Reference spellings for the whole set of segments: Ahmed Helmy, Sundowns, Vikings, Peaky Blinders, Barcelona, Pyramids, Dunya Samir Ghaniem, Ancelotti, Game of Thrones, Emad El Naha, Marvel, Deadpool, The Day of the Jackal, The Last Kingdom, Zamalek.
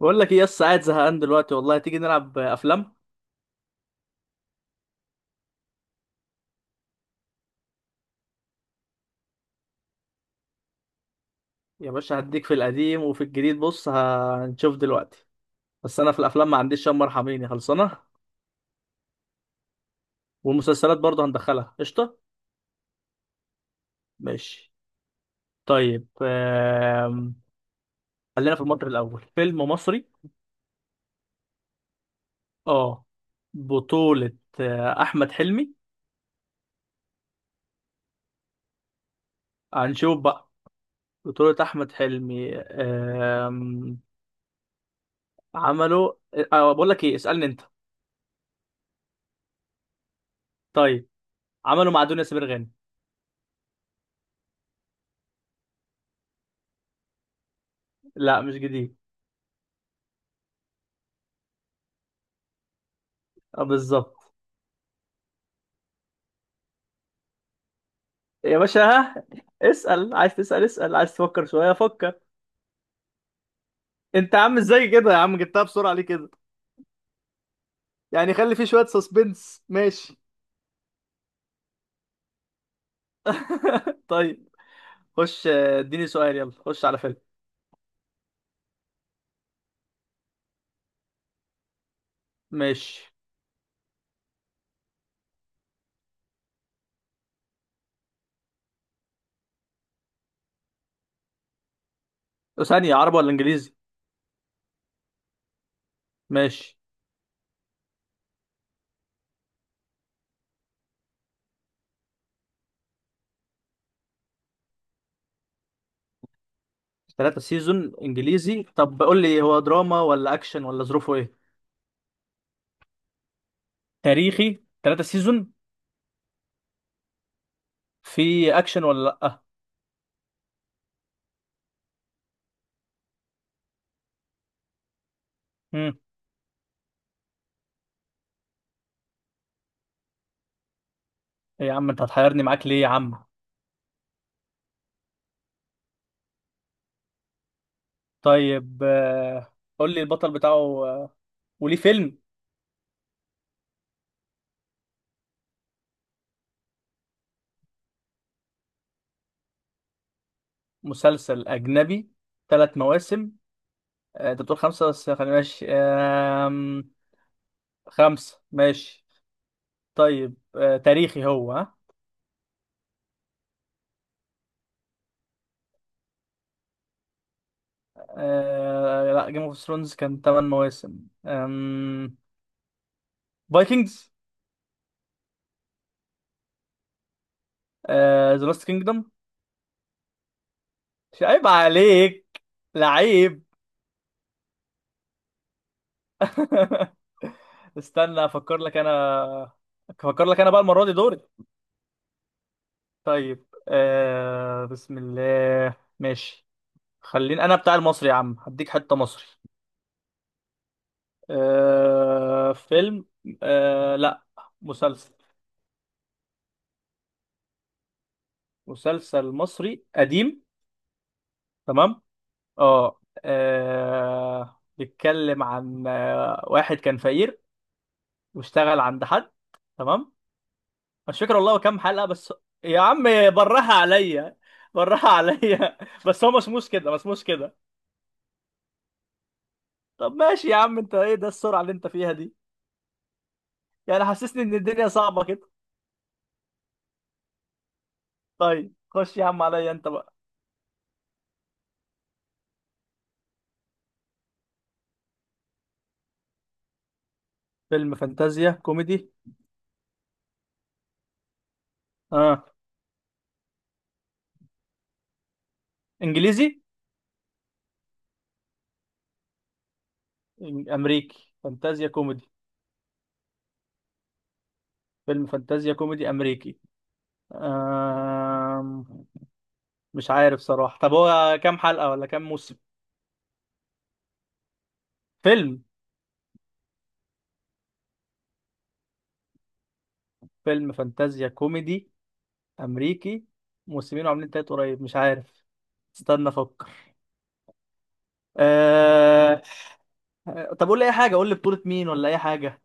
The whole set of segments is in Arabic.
بقول لك ايه يس، قاعد زهقان دلوقتي والله، تيجي نلعب افلام. يا باشا هديك في القديم وفي الجديد، بص هنشوف دلوقتي. بس انا في الافلام ما عنديش، شم ارحميني خلصانه. والمسلسلات برضه هندخلها قشطه. ماشي. طيب، خلينا في المصري الاول، فيلم مصري. اه، بطولة احمد حلمي. هنشوف بقى. بطولة احمد حلمي. عملوا، بقول لك ايه، اسألني انت. طيب، عملوا مع دنيا سمير غانم. لا، مش جديد. بالظبط. يا باشا، ها، اسأل عايز تسأل، اسأل، عايز تفكر شوية فكر. انت يا عم، ازاي كده يا عم؟ جبتها بسرعة ليه كده؟ يعني خلي فيه شوية سسبنس، ماشي. طيب، خش اديني سؤال، يلا خش على فيلم. ماشي. ثانية، عربي ولا انجليزي؟ ماشي، ثلاثة سيزون انجليزي. طب قول لي، هو دراما ولا اكشن ولا ظروفه ايه؟ تاريخي، ثلاثة سيزون. في اكشن ولا لا؟ امم. إيه يا عم، انت هتحيرني معاك ليه يا عم؟ طيب، قول لي البطل بتاعه. آه، وليه فيلم؟ مسلسل أجنبي، ثلاث مواسم. أنت بتقول خمسة، بس خلينا ماشي. خمسة، ماشي. طيب، تاريخي هو، ها؟ لا، جيم اوف ثرونز كان ثمان مواسم. فايكنجز. ذا لاست كينجدوم. عيب عليك. لعيب. استنى افكر لك انا. افكر لك انا بقى، المره دي دوري. طيب، بسم الله، ماشي. خليني انا بتاع المصري يا عم، هديك حته مصري. فيلم. لا، مسلسل. مسلسل مصري قديم. تمام. اه. بيتكلم عن واحد كان فقير. واشتغل عند حد. تمام. مش فاكر والله، هو كام حلقة بس؟ يا عم، براها عليا. براها عليا. بس هو مسموش كده، مسموش كده. طب ماشي يا عم، انت ايه ده السرعة اللي انت فيها دي؟ يعني حسسني ان الدنيا صعبة كده. طيب، خش يا عم، عليا انت بقى. فيلم فانتازيا كوميدي. اه. انجليزي؟ امريكي فانتازيا كوميدي. فيلم فانتازيا كوميدي امريكي. أم... مش عارف صراحة. طب هو كام حلقة ولا كام موسم؟ فيلم. فيلم فانتازيا كوميدي امريكي، موسمين وعاملين تلات قريب، مش عارف. استنى افكر. أه... طب قول لي اي حاجة، قول لي بطولة مين ولا اي حاجة.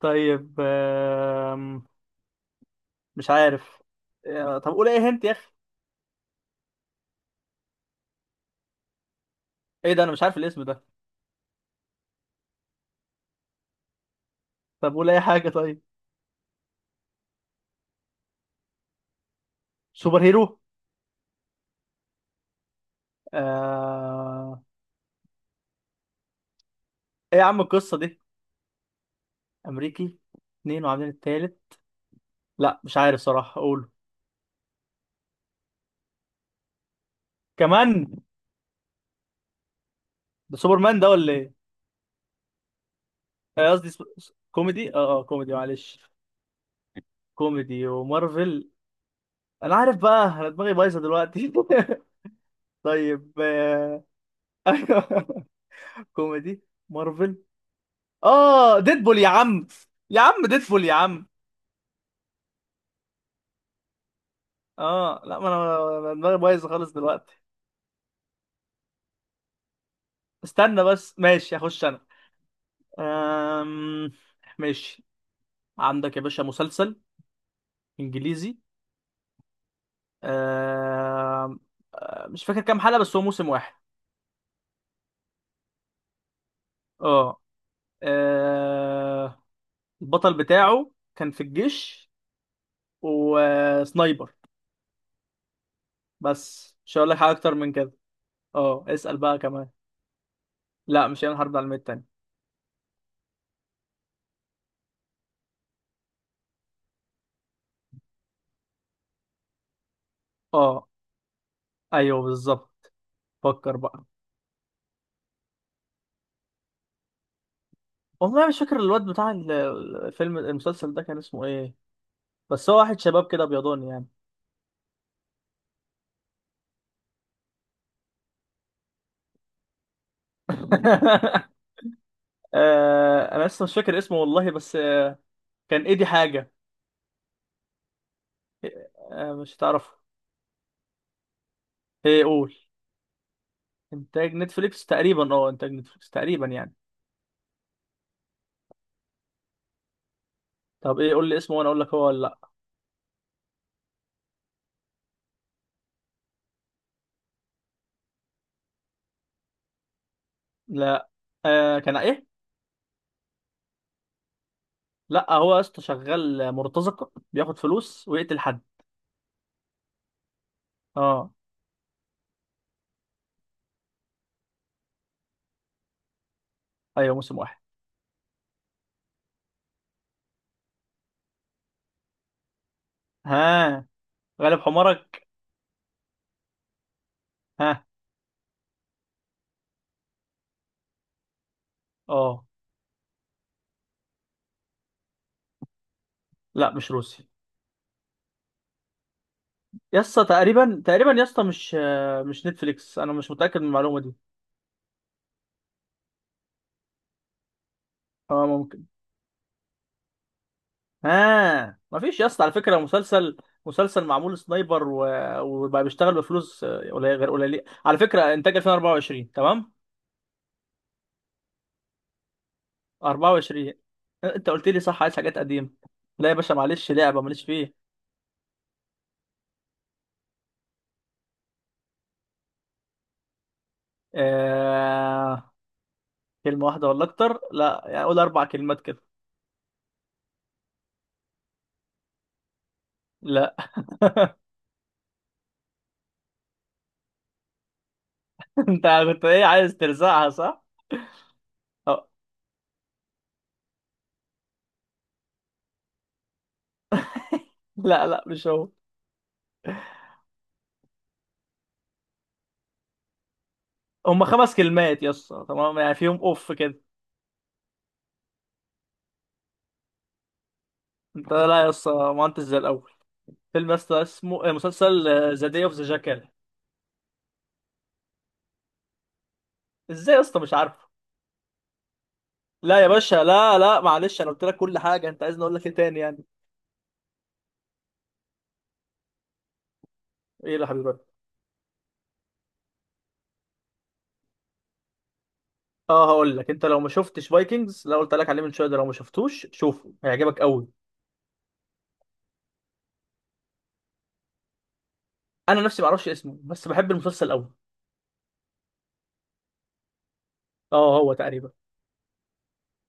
طيب، مش عارف. طب قول اي هنت يا اخي. ايه ده، انا مش عارف الاسم ده. طب قول اي حاجة، طيب. سوبر هيرو. أه... ايه يا عم القصة دي؟ امريكي، اتنين وعاملين التالت. لا مش عارف صراحه اقوله. كمان؟ ده سوبرمان ده ولا ايه؟ قصدي كوميدي، اه اه، كوميدي، معلش. كوميدي ومارفل. انا عارف بقى، انا دماغي بايظه دلوقتي. طيب، أيوه. كوميدي، مارفل، اه ديدبول يا عم. يا عم ديدبول يا عم. اه لا، ما انا دماغي بايظه خالص دلوقتي. استنى بس، ماشي، هخش انا. أم... ماشي. عندك يا باشا، مسلسل انجليزي. آه مش فاكر كام حلقة، بس هو موسم واحد. اه. آه، البطل بتاعه كان في الجيش، وسنايبر. بس مش هقول لك حاجة أكتر من كده. اه، اسأل بقى كمان. لا، مش هيعمل حرب العالمية التانية. اه. أيوه بالظبط. فكر بقى. والله مش فاكر الواد بتاع الفيلم، المسلسل ده كان اسمه ايه. بس هو واحد شباب كده بيضاني يعني. انا لسه مش فاكر اسمه والله، بس كان ايدي حاجة. مش هتعرفه. ايه، قول. انتاج نتفليكس تقريبا، اه، انتاج نتفليكس تقريبا يعني. طب ايه، قول لي اسمه وانا اقول لك هو ولا لا. لا. كان ايه؟ لا هو يا اسطى شغال مرتزقه، بياخد فلوس ويقتل حد. اه. ايوه، موسم واحد. ها. غالب حمارك. ها. اه لا، مش روسي. يا اسطى تقريبا تقريبا يا اسطى، مش نتفليكس، انا مش متاكد من المعلومه دي. اه ممكن. ها، مفيش يا اسطى على فكره، مسلسل. مسلسل معمول سنايبر وبقى بيشتغل بفلوس، غير قليله على فكره، انتاج 2024، تمام. 24، انت قلت لي صح، عايز حاجات قديمة. لا يا باشا معلش، لعبة ماليش فيه. آه... كلمة واحدة ولا أكتر؟ لا يعني، قول أربع كلمات كده. لا. أنت كنت إيه، عايز ترزعها صح؟ أو... لا لا، مش هو. هما خمس كلمات يا اسطى، تمام يعني، فيهم أوف كده. أنت لا يا اسطى، ما أنتش زي الأول. فيلم يا اسطى اسمه، مسلسل، ذا داي أوف ذا جاكال. إزاي يا اسطى مش عارفه؟ لا يا باشا، لا لا معلش، أنا قلت لك كل حاجة، أنت عايزني أقول لك إيه تاني يعني؟ إيه يا حبيبي؟ اه هقول لك، انت لو ما شفتش فايكنجز، لو قلت لك عليه من شويه ده، لو ما شفتوش شوفه هيعجبك قوي. انا نفسي ما اعرفش اسمه، بس بحب المسلسل قوي. اه هو تقريبا.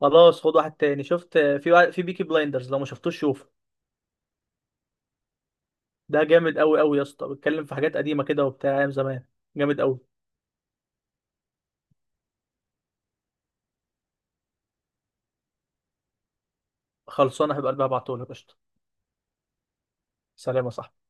خلاص، خد واحد تاني، شفت في واحد في بيكي بلايندرز، لو ما شفتوش شوفه. ده جامد قوي قوي يا اسطى، بيتكلم في حاجات قديمه كده وبتاع ايام زمان. جامد قوي. خلصانه، هيبقى قلبها بعتهولك قشطه. سلام يا صاحبي.